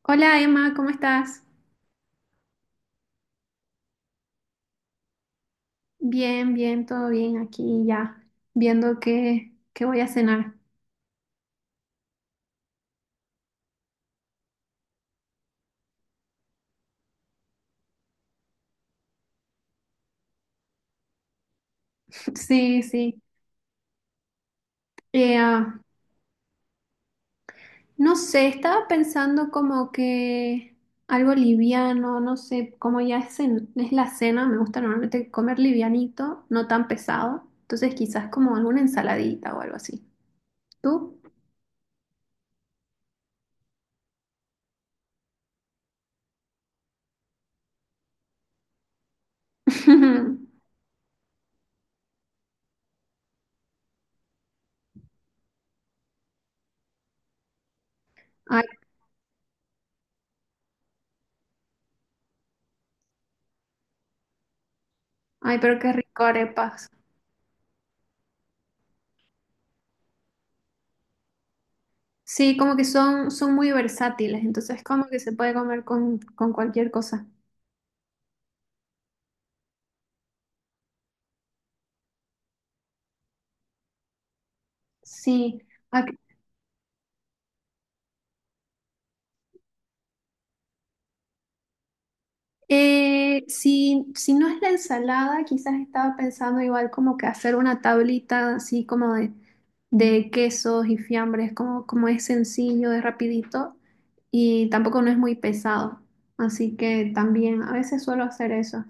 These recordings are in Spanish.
Hola Emma, ¿cómo estás? Bien, bien, todo bien aquí ya, viendo qué voy a cenar. Sí, sí. Eh, ah, no sé, estaba pensando como que algo liviano, no sé, como ya es, es la cena, me gusta normalmente comer livianito, no tan pesado, entonces quizás como alguna ensaladita o algo así. ¿Tú? Ay, ay, pero qué rico arepas. Sí, como que son muy versátiles, entonces como que se puede comer con cualquier cosa. Sí, ac- si, si no es la ensalada, quizás estaba pensando igual como que hacer una tablita así como de quesos y fiambres, como, como es sencillo, es rapidito y tampoco no es muy pesado. Así que también a veces suelo hacer eso.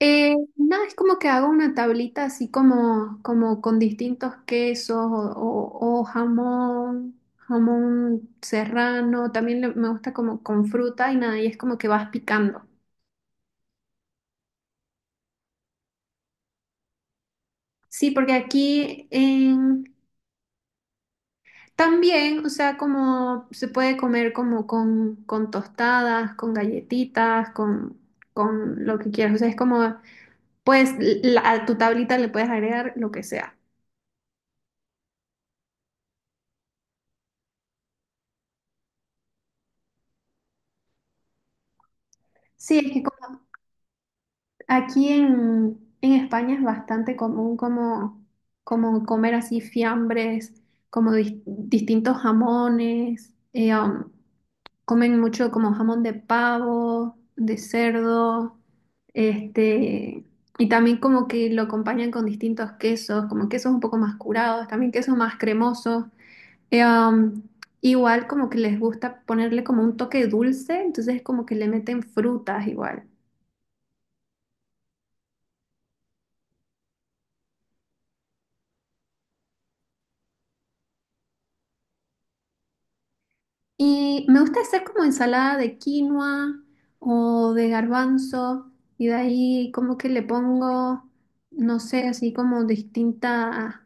No, es como que hago una tablita así como, como con distintos quesos o, o jamón, jamón serrano, también me gusta como con fruta y nada, y es como que vas picando. Sí, porque también, o sea, como se puede comer como con tostadas, con galletitas, con lo que quieras, o sea, es como, pues a tu tablita le puedes agregar lo que sea. Sí, es que aquí en España es bastante común como, como comer así fiambres, como distintos jamones, comen mucho como jamón de pavo, de cerdo, este, y también como que lo acompañan con distintos quesos, como quesos un poco más curados, también quesos más cremosos. Eh, um, igual como que les gusta ponerle como un toque dulce, entonces como que le meten frutas igual. Y me gusta hacer como ensalada de quinoa o de garbanzo y de ahí como que le pongo, no sé, así como distintas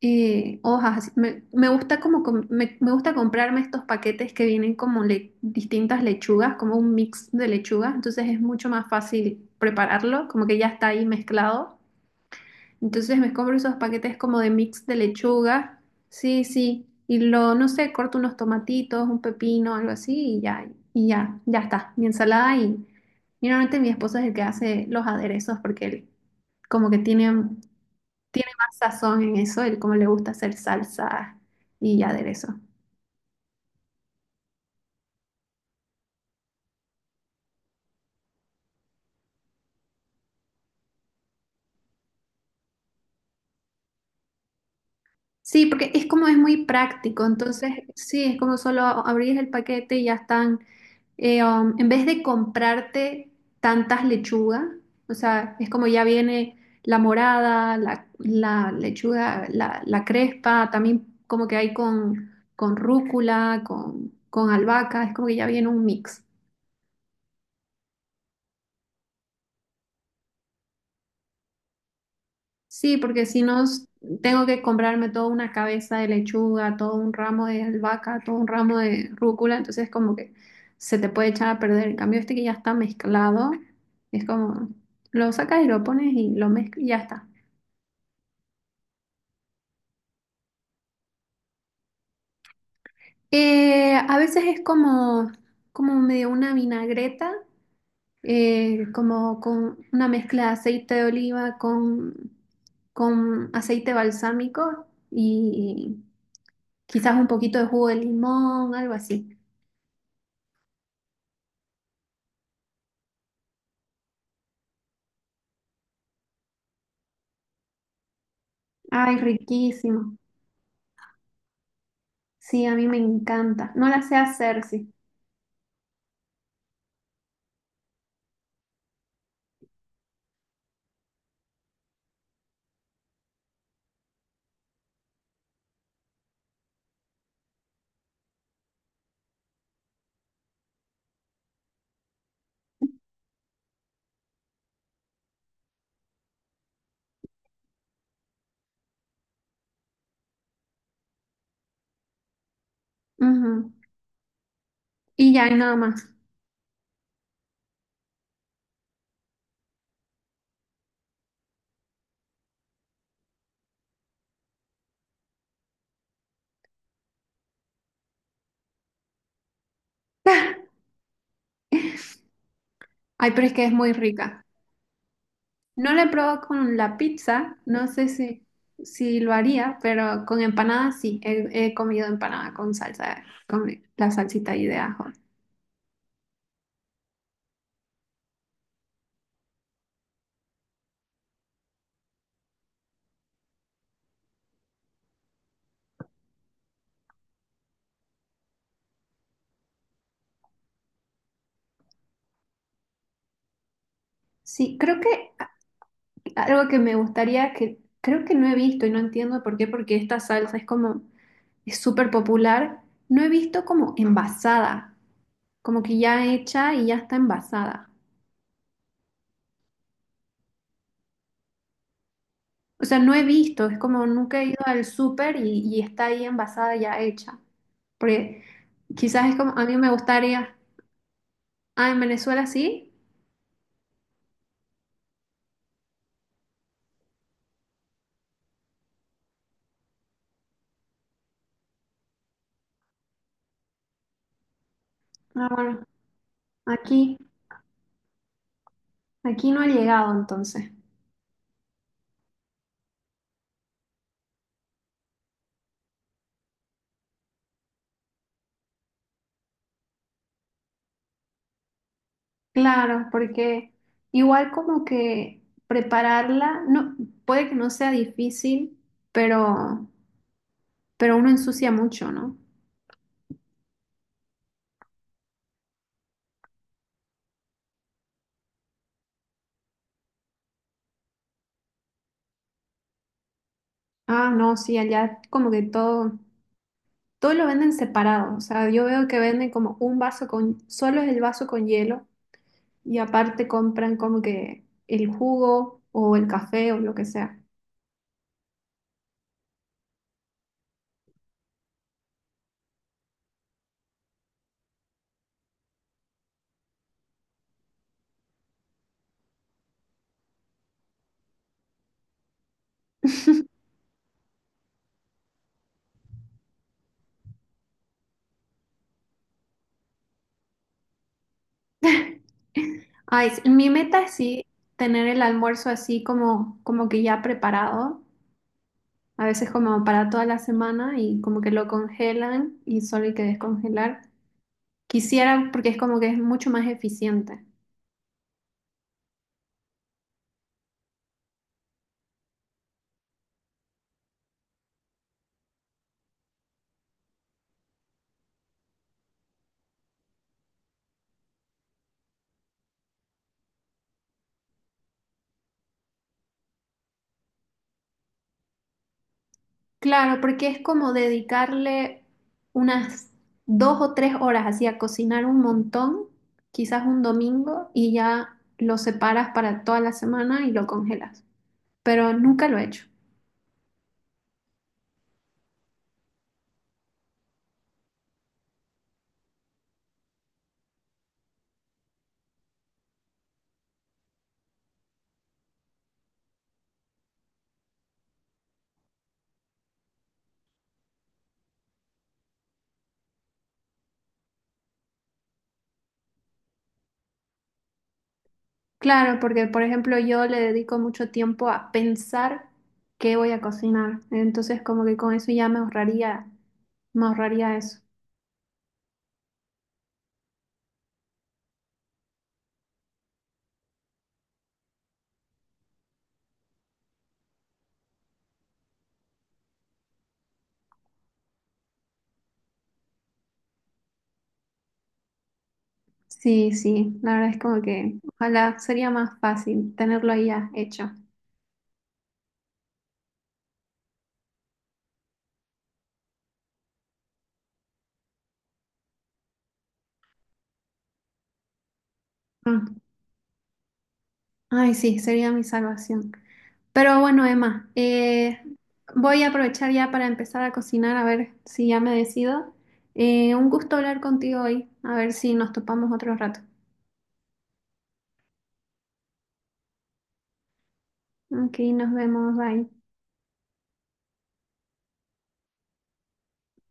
hojas. Así, me gusta como me gusta comprarme estos paquetes que vienen como distintas lechugas, como un mix de lechugas, entonces es mucho más fácil prepararlo, como que ya está ahí mezclado. Entonces me compro esos paquetes como de mix de lechuga. Sí, sí. Y lo, no sé, corto unos tomatitos, un pepino, algo así, y ya, ya está. Mi ensalada y normalmente mi esposo es el que hace los aderezos porque él como que tiene más sazón en eso, él como le gusta hacer salsa y aderezo. Sí, porque es como es muy práctico, entonces sí, es como solo abrís el paquete y ya están en vez de comprarte tantas lechugas, o sea, es como ya viene la morada, la lechuga, la crespa, también como que hay con rúcula, con albahaca, es como que ya viene un mix. Sí, porque si no tengo que comprarme toda una cabeza de lechuga, todo un ramo de albahaca, todo un ramo de rúcula, entonces como que se te puede echar a perder. En cambio, este que ya está mezclado, es como lo sacas y lo pones y lo mezclas y ya está. A veces es como, como medio una vinagreta, como con una mezcla de aceite de oliva con aceite balsámico y quizás un poquito de jugo de limón, algo así. Ay, riquísimo. Sí, a mí me encanta. No la sé hacer, sí. Ujú. Y ya, y nada más. Ay, pero es que es muy rica. No la he probado con la pizza, no sé si, si lo haría, pero con empanadas sí. He comido empanada con salsa, con la salsita ahí de ajo. Sí, creo que algo que me gustaría, que creo que no he visto y no entiendo por qué, porque esta salsa es como es súper popular. No he visto como envasada, como que ya hecha y ya está envasada. O sea, no he visto, es como nunca he ido al súper y está ahí envasada ya hecha. Porque quizás es como, a mí me gustaría, ah, en Venezuela sí, ah, bueno, aquí, aquí no ha llegado entonces. Claro, porque igual como que prepararla, no, puede que no sea difícil, pero, pero uno ensucia mucho, ¿no? Ah, no, sí, allá como que todo, todo lo venden separado. O sea, yo veo que venden como un vaso con, solo es el vaso con hielo y aparte compran como que el jugo o el café o lo que sea. Ay, sí, mi meta es sí tener el almuerzo así como, como que ya preparado, a veces como para toda la semana y como que lo congelan y solo hay que descongelar. Quisiera porque es como que es mucho más eficiente. Claro, porque es como dedicarle unas 2 o 3 horas así a cocinar un montón, quizás un domingo, y ya lo separas para toda la semana y lo congelas. Pero nunca lo he hecho. Claro, porque por ejemplo yo le dedico mucho tiempo a pensar qué voy a cocinar. Entonces como que con eso ya me ahorraría eso. Sí, sí, la verdad es como que ojalá sería más fácil tenerlo ahí ya hecho. Mm. Ay, sí, sería mi salvación. Pero bueno, Emma, voy a aprovechar ya para empezar a cocinar, a ver si ya me decido. Un gusto hablar contigo hoy, a ver si nos topamos otro rato. Ok, nos vemos, bye.